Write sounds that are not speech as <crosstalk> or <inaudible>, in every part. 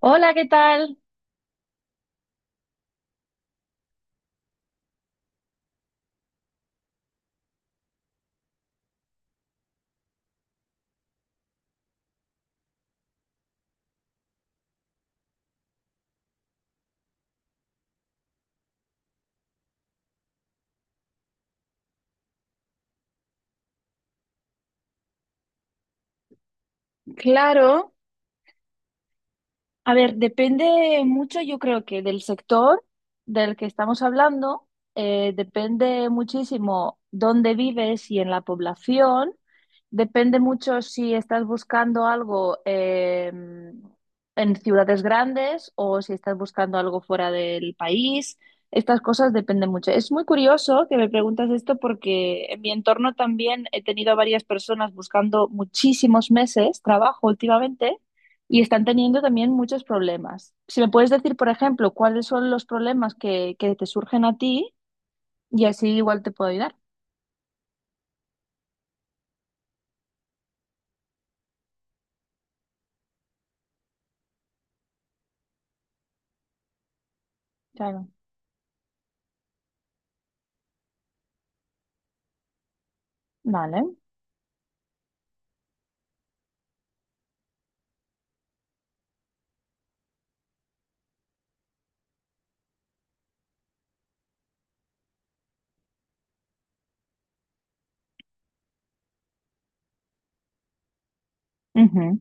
Hola, ¿qué tal? Claro. A ver, depende mucho, yo creo que del sector del que estamos hablando, depende muchísimo dónde vives y en la población, depende mucho si estás buscando algo en ciudades grandes o si estás buscando algo fuera del país, estas cosas dependen mucho. Es muy curioso que me preguntas esto porque en mi entorno también he tenido a varias personas buscando muchísimos meses trabajo últimamente y están teniendo también muchos problemas. Si me puedes decir, por ejemplo, cuáles son los problemas que te surgen a ti y así igual te puedo ayudar. Claro. Vale. Ujú.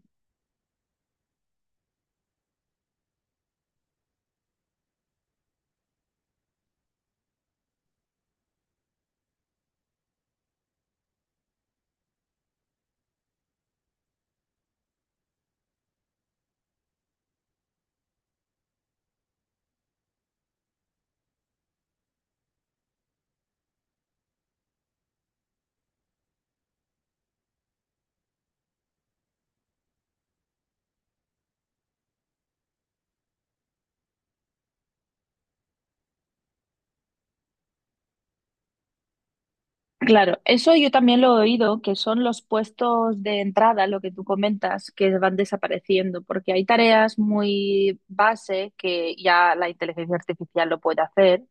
Claro, eso yo también lo he oído, que son los puestos de entrada, lo que tú comentas, que van desapareciendo, porque hay tareas muy base que ya la inteligencia artificial lo puede hacer.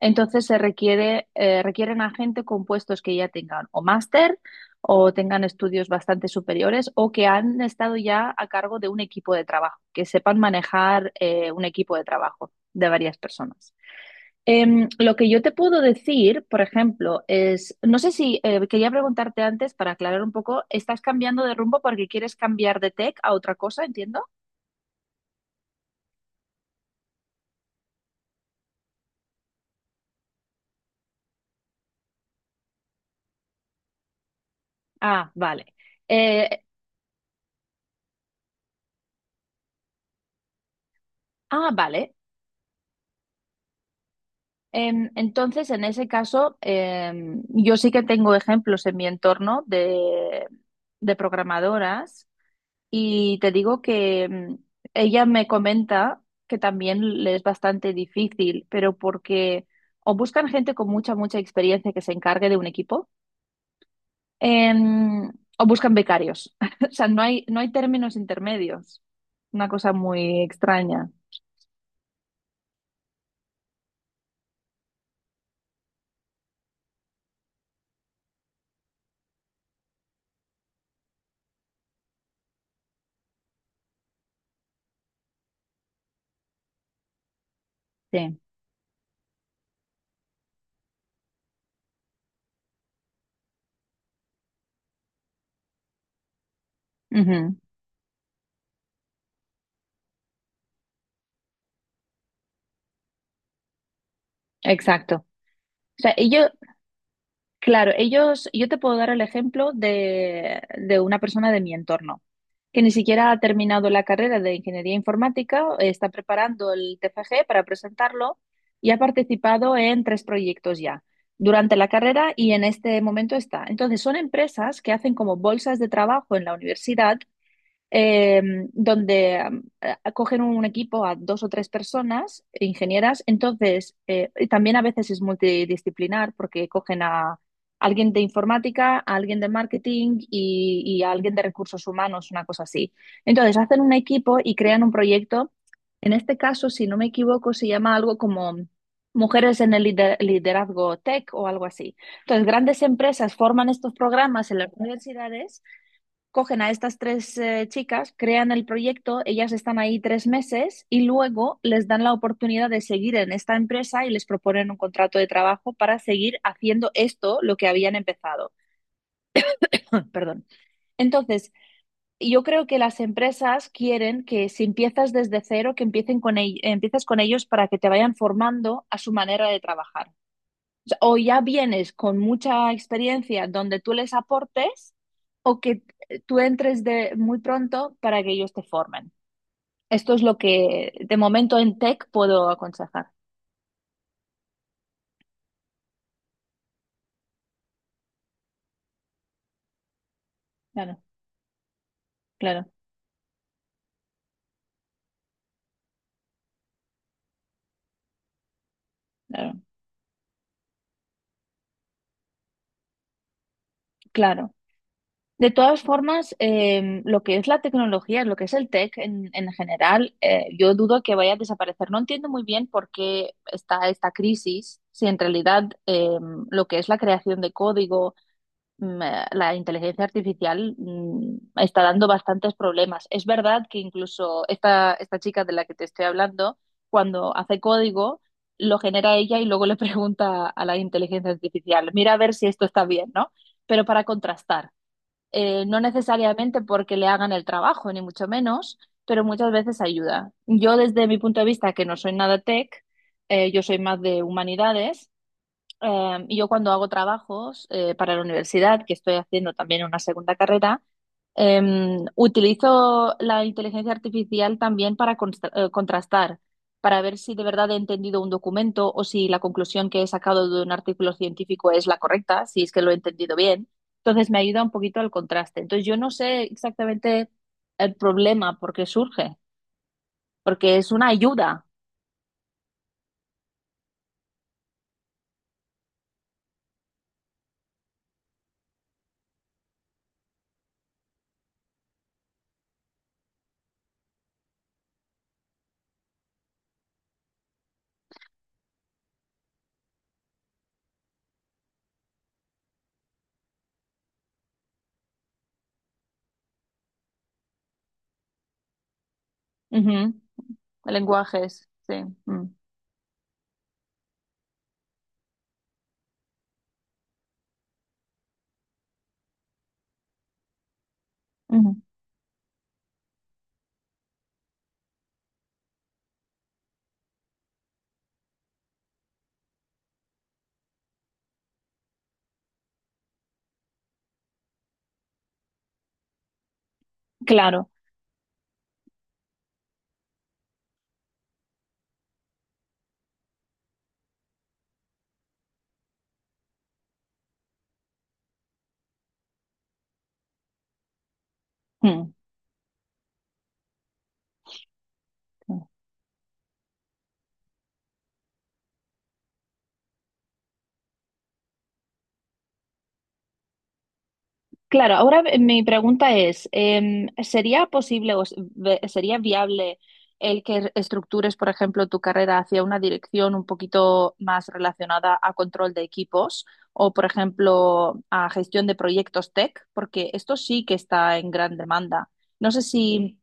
Entonces se requiere, requieren a gente con puestos que ya tengan o máster o tengan estudios bastante superiores o que han estado ya a cargo de un equipo de trabajo, que sepan manejar un equipo de trabajo de varias personas. Lo que yo te puedo decir, por ejemplo, es, no sé si quería preguntarte antes para aclarar un poco, ¿estás cambiando de rumbo porque quieres cambiar de tech a otra cosa, entiendo? Ah, vale. Eh, ah, vale. Entonces, en ese caso, yo sí que tengo ejemplos en mi entorno de programadoras y te digo que ella me comenta que también le es bastante difícil, pero porque o buscan gente con mucha, mucha experiencia que se encargue de un equipo, em, o buscan becarios. <laughs> O sea, no hay términos intermedios. Una cosa muy extraña. Sí. Ujú. Exacto. O sea, ellos, Claro, ellos, yo te puedo dar el ejemplo de una persona de mi entorno que ni siquiera ha terminado la carrera de ingeniería informática, está preparando el TFG para presentarlo y ha participado en tres proyectos ya durante la carrera y en este momento está. Entonces, son empresas que hacen como bolsas de trabajo en la universidad eh, donde cogen un equipo a dos o tres personas, ingenieras, entonces y también a veces es multidisciplinar porque cogen a alguien de informática, a alguien de marketing y a alguien de recursos humanos, una cosa así. Entonces hacen un equipo y crean un proyecto. En este caso, si no me equivoco, se llama algo como Mujeres en el liderazgo tech o algo así. Entonces, grandes empresas forman estos programas en las universidades, cogen a estas tres chicas, crean el proyecto, ellas están ahí 3 meses y luego les dan la oportunidad de seguir en esta empresa y les proponen un contrato de trabajo para seguir haciendo esto, lo que habían empezado. <laughs> Perdón. Entonces, yo creo que las empresas quieren que si empiezas desde cero, que empiecen con, empiezas con ellos para que te vayan formando a su manera de trabajar o ya vienes con mucha experiencia donde tú les aportes o que tú entres de muy pronto para que ellos te formen. Esto es lo que de momento en tech puedo aconsejar. Claro, claro, claro, claro. De todas formas, lo que es la tecnología, lo que es el tech en general, yo dudo que vaya a desaparecer. No entiendo muy bien por qué está esta crisis, si en realidad lo que es la creación de código, la inteligencia artificial está dando bastantes problemas. Es verdad que incluso esta chica de la que te estoy hablando, cuando hace código, lo genera ella y luego le <laughs> pregunta a la inteligencia artificial, mira a ver si esto está bien, ¿no? Pero para contrastar, no necesariamente porque le hagan el trabajo, ni mucho menos, pero muchas veces ayuda. Yo desde mi punto de vista, que no soy nada tech, yo soy más de humanidades y yo cuando hago trabajos para la universidad, que estoy haciendo también una segunda carrera, eh, utilizo la inteligencia artificial también para contrastar, para ver si de verdad he entendido un documento o si la conclusión que he sacado de un artículo científico es la correcta, si es que lo he entendido bien. Entonces me ayuda un poquito al contraste. Entonces yo no sé exactamente el problema por qué surge, porque es una ayuda. Ujú. Lenguajes, sí. Mm. Ujú. Claro. Mm. Mm. Claro, ahora mi pregunta es, ¿sería posible o sería viable el que estructures, por ejemplo, tu carrera hacia una dirección un poquito más relacionada a control de equipos o, por ejemplo, a gestión de proyectos tech? Porque esto sí que está en gran demanda. No sé si...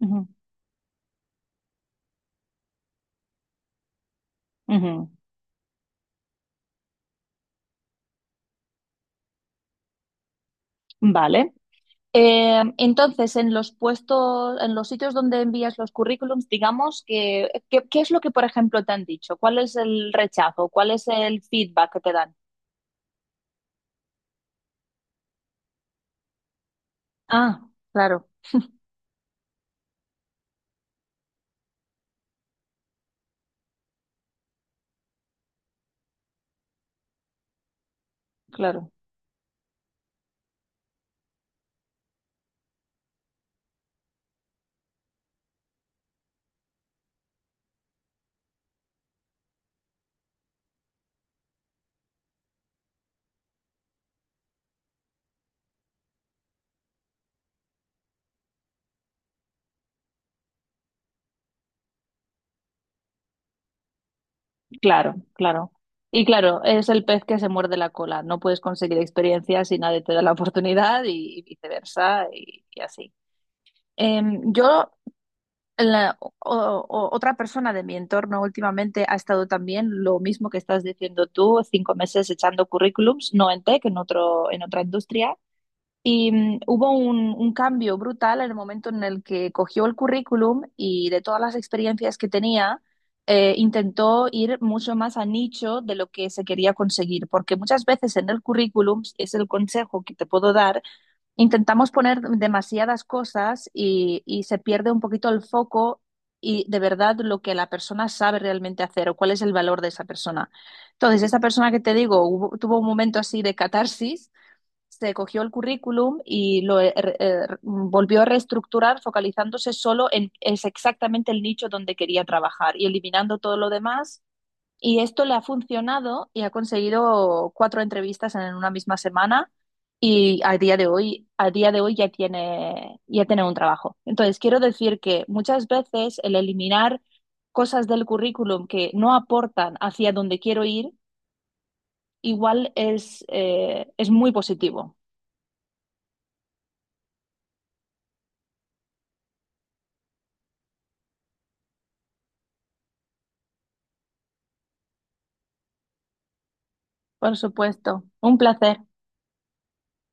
Ujú, ujú. Vale. Entonces, en los puestos, en los sitios donde envías los currículums, digamos ¿qué es lo que, por ejemplo, te han dicho? ¿Cuál es el rechazo? ¿Cuál es el feedback que te dan? Ah, claro, claro, claro, claro. Y claro, es el pez que se muerde la cola. No puedes conseguir experiencia si nadie te da la oportunidad y viceversa y así. Em, yo la- o- otra persona de mi entorno últimamente ha estado también lo mismo que estás diciendo tú, 5 meses echando currículums, no en tech, en otro, en otra industria. Y hubo un cambio brutal en el momento en el que cogió el currículum y de todas las experiencias que tenía, intentó ir mucho más a nicho de lo que se quería conseguir, porque muchas veces en el currículum es el consejo que te puedo dar. Intentamos poner demasiadas cosas y se pierde un poquito el foco y de verdad lo que la persona sabe realmente hacer o cuál es el valor de esa persona. Entonces, esa persona que te digo tuvo un momento así de catarsis, se cogió el currículum y lo volvió a reestructurar focalizándose solo en es exactamente el nicho donde quería trabajar y eliminando todo lo demás y esto le ha funcionado y ha conseguido cuatro entrevistas en una misma semana y a día de hoy, a día de hoy ya tiene un trabajo. Entonces, quiero decir que muchas veces el eliminar cosas del currículum que no aportan hacia donde quiero ir, igual es muy positivo. Por supuesto. Un placer.